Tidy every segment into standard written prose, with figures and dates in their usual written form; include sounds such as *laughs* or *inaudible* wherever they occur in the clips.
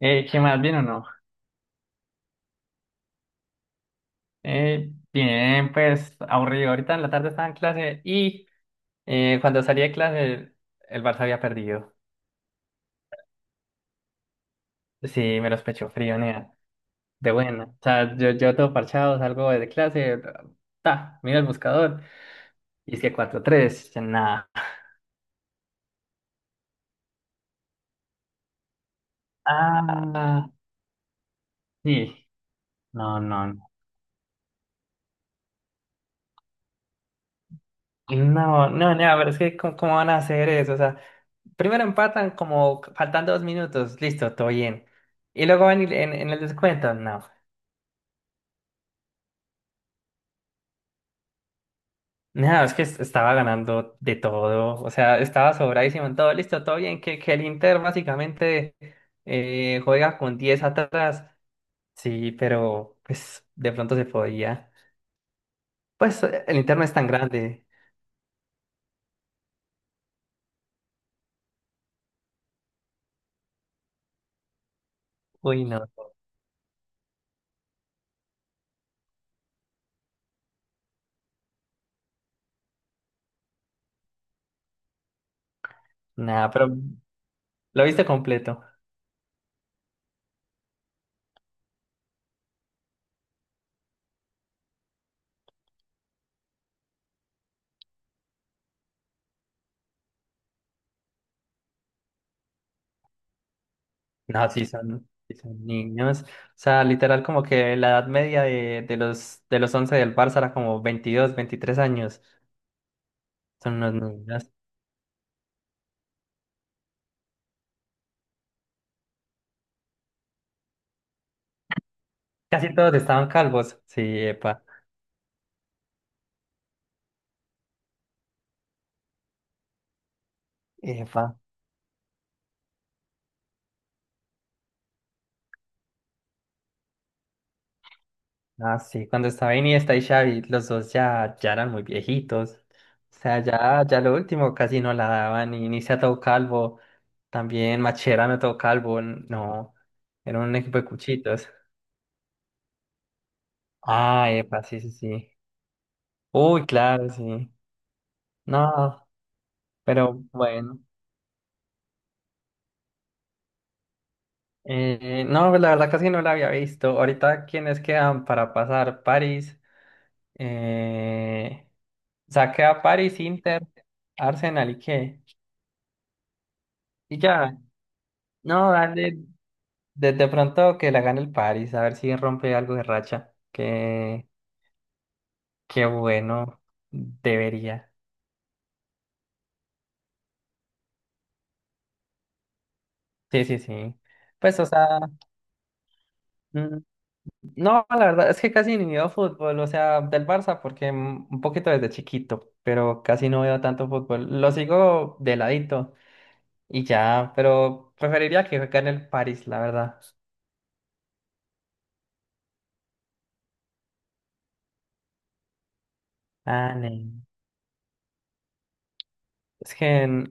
¿Qué más? ¿Bien o no? Bien, pues aburrido. Ahorita en la tarde estaba en clase y cuando salí de clase el Barça había perdido. Sí, me los pecho frío, nea. De buena. O sea, yo todo parchado, salgo de clase, ta, mira el buscador y es que 4-3, nada. Ah, sí. No, no, no. No, no, nea, pero es que ¿cómo van a hacer eso? O sea, primero empatan como faltan 2 minutos, listo, todo bien. Y luego en el descuento, no. Nada, estaba ganando de todo, o sea, estaba sobradísimo en todo, listo, todo bien, que el Inter básicamente juega con 10 atrás, sí, pero pues de pronto se podía. Pues el Inter no es tan grande, uy, no, nada, pero lo viste completo. No, sí son niños, o sea, literal como que la edad media de los 11 del Barça era como 22, 23 años, son unos niños. Casi todos estaban calvos, sí, epa. Epa. Ah, sí, cuando estaba Iniesta y Xavi, los dos ya eran muy viejitos. O sea, ya lo último casi no la daban. Y Iniesta todo calvo, también Macherano todo calvo. No, era un equipo de cuchitos. Ah, epa, sí, sí, sí. Uy, claro, sí. No, pero bueno. No, pues la verdad casi no la había visto. Ahorita, ¿quiénes quedan para pasar? París. Eh, o sea, queda París, Inter, Arsenal y qué. Y ya. No, dale, de pronto que la gane el París, a ver si rompe algo de racha. Qué bueno, debería. Sí, sí, sí. Pues, o sea, mm, no, la verdad es que casi ni veo fútbol, o sea, del Barça, porque un poquito desde chiquito, pero casi no veo tanto fútbol. Lo sigo de ladito y ya, pero preferiría que gane el París, la verdad. Ah, ne. Es que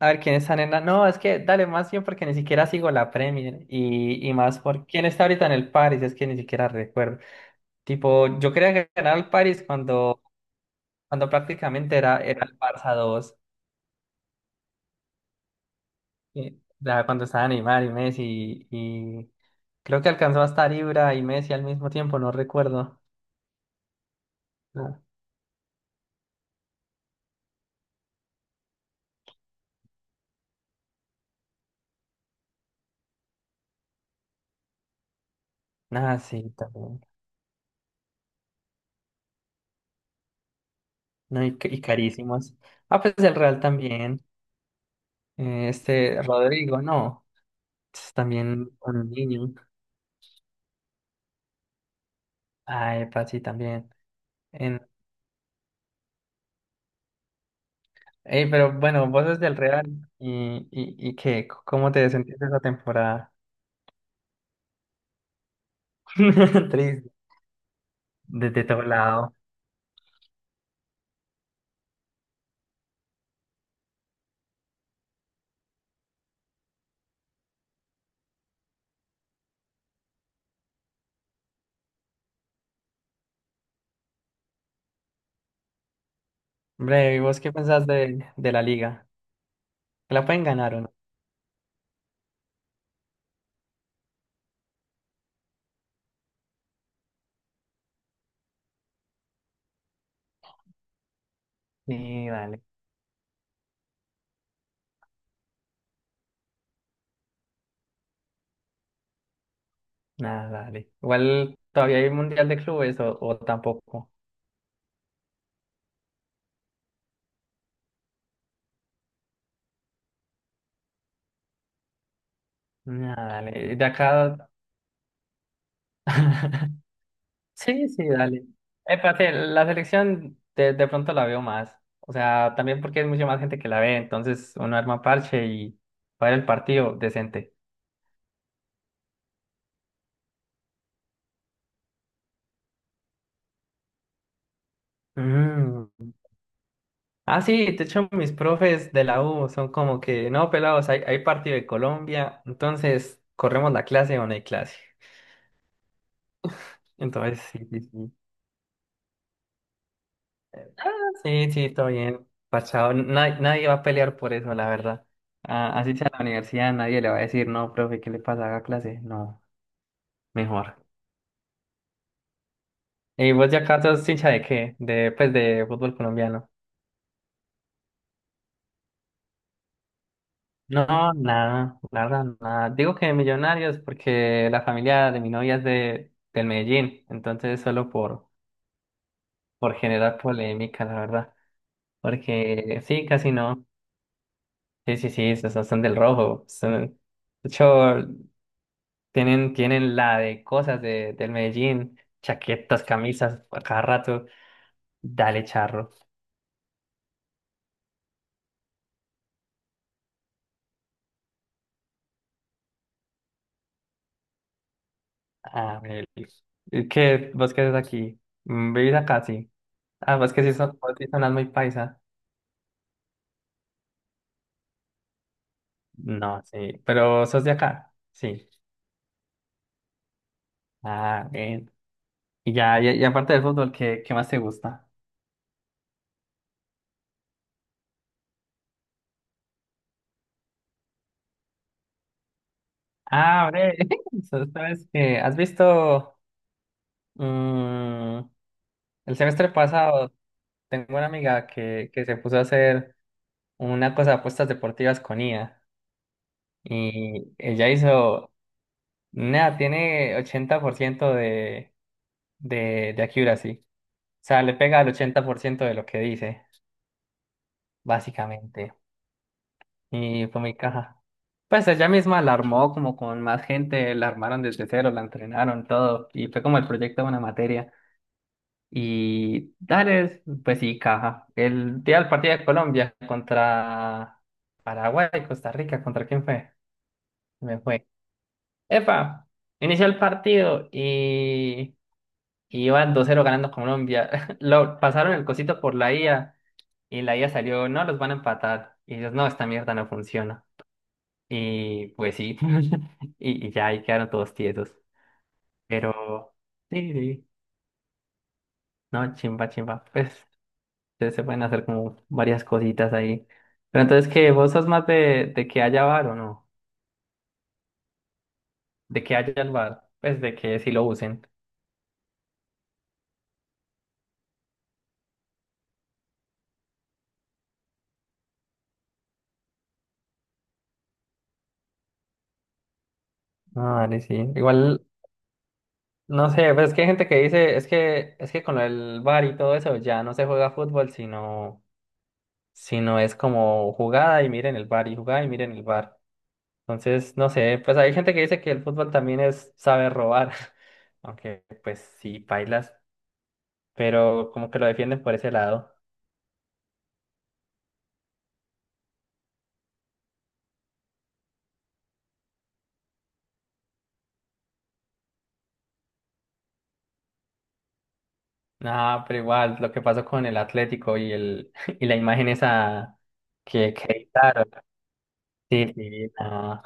a ver quién está en la... No, es que dale más bien porque ni siquiera sigo la Premier y más por quién está ahorita en el Paris, es que ni siquiera recuerdo. Tipo, yo creía que ganaba el Paris cuando prácticamente era el Barça dos ya cuando estaba Neymar y Messi y creo que alcanzó a estar Ibra y Messi al mismo tiempo, no recuerdo. No. Nada, sí, también. No, y carísimos. Ah, pues el Real también. Rodrigo, no, es también un niño. Ay, epa, sí, también. En... Ey, pero bueno, vos sos del Real y qué, ¿cómo te sentiste esa temporada? *laughs* Triste, desde todo lado. Hombre, ¿y vos qué pensás de la liga? ¿Que la pueden ganar o no? Sí, dale, nada, dale. Igual todavía hay Mundial de Clubes o tampoco. Nada, dale. De acá. *laughs* Sí, sí, dale. Espérate, la selección de pronto la veo más. O sea, también porque hay mucha más gente que la ve, entonces uno arma parche y para el partido decente. Mm. Ah, sí, de hecho mis profes de la U son como que, no, pelados, hay partido de Colombia, entonces corremos la clase o no hay clase. Entonces, sí, sí, sí. Ah, sí, sí, todo bien, pachado. Nadie va a pelear por eso, la verdad. Ah, así sea la universidad, nadie le va a decir, no, profe, ¿qué le pasa? Haga clase. No, mejor. ¿Y vos ya acá sos hincha de qué? Pues, de fútbol colombiano. No, nada, la verdad, nada. Digo que Millonarios porque la familia de mi novia es del Medellín, entonces solo por generar polémica, la verdad. Porque sí, casi no. Sí, sí, sí, son del rojo. De hecho, tienen la de cosas del Medellín, chaquetas, camisas, a cada rato. Dale, charro. Ah, ¿Qué? ¿Vos qué haces aquí? ¿Vivís acá? Sí. Ah, vos sí sonás muy paisa. No, sí. Pero sos de acá. Sí. Ah, bien. Y ya, y aparte del fútbol, ¿qué más te gusta? Ah, hombre. *laughs* sos- ¿Sabes que ¿Has visto? mm, el semestre pasado tengo una amiga que se puso a hacer una cosa de apuestas deportivas con IA. Y ella hizo. Nada, tiene 80% de accuracy. O sea, le pega al 80% de lo que dice, básicamente. Y fue mi caja. Pues ella misma la armó como con más gente, la armaron desde cero, la entrenaron, todo. Y fue como el proyecto de una materia. Y dale, pues sí, caja. El día del partido de Colombia contra Paraguay, Costa Rica, ¿contra quién fue? Me fue. Epa, inició el partido y iban 2-0 ganando Colombia. *laughs* Lo pasaron el cosito por la IA y la IA salió, no, los van a empatar. Y ellos, no, esta mierda no funciona. Y pues sí, *laughs* y ya ahí quedaron todos tiesos. Pero sí, sí, no, chimba, chimba. Pues se pueden hacer como varias cositas ahí. Pero entonces, ¿qué? ¿Vos sos más de que haya bar o no? De que haya el bar, pues de que sí lo usen. Ah, dale, sí. Igual, no sé, pues es que hay gente que dice, es que con el bar y todo eso ya no se juega fútbol, sino es como jugada y miren el bar y jugada y miren el bar. Entonces, no sé, pues hay gente que dice que el fútbol también es saber robar, *laughs* aunque pues sí, pailas pero como que lo defienden por ese lado. Ah, pero igual, lo que pasó con el Atlético y el *laughs* y la imagen esa que editaron. Sí, sí, no.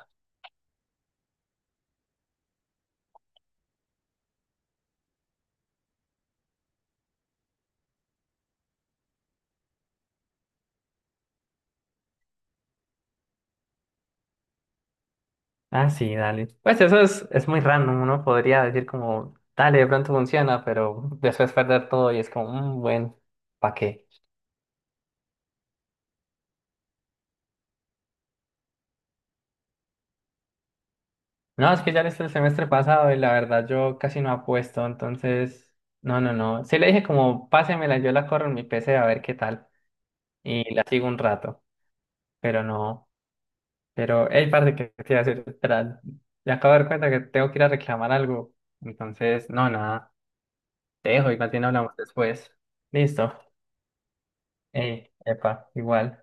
Ah, sí, dale. Pues eso es muy random, uno podría decir como, dale, de pronto funciona, pero después perder todo y es como, "Mm, bueno, ¿para qué? No, es que ya desde el semestre pasado y la verdad yo casi no apuesto, entonces, no, no, no. Sí le dije como, pásemela, yo la corro en mi PC a ver qué tal y la sigo un rato, pero no, pero, hey, parte que te iba a decir, espera, me acabo de dar cuenta que tengo que ir a reclamar algo, entonces, no, nada, te dejo, igual bien hablamos después. Listo, hey, epa, igual.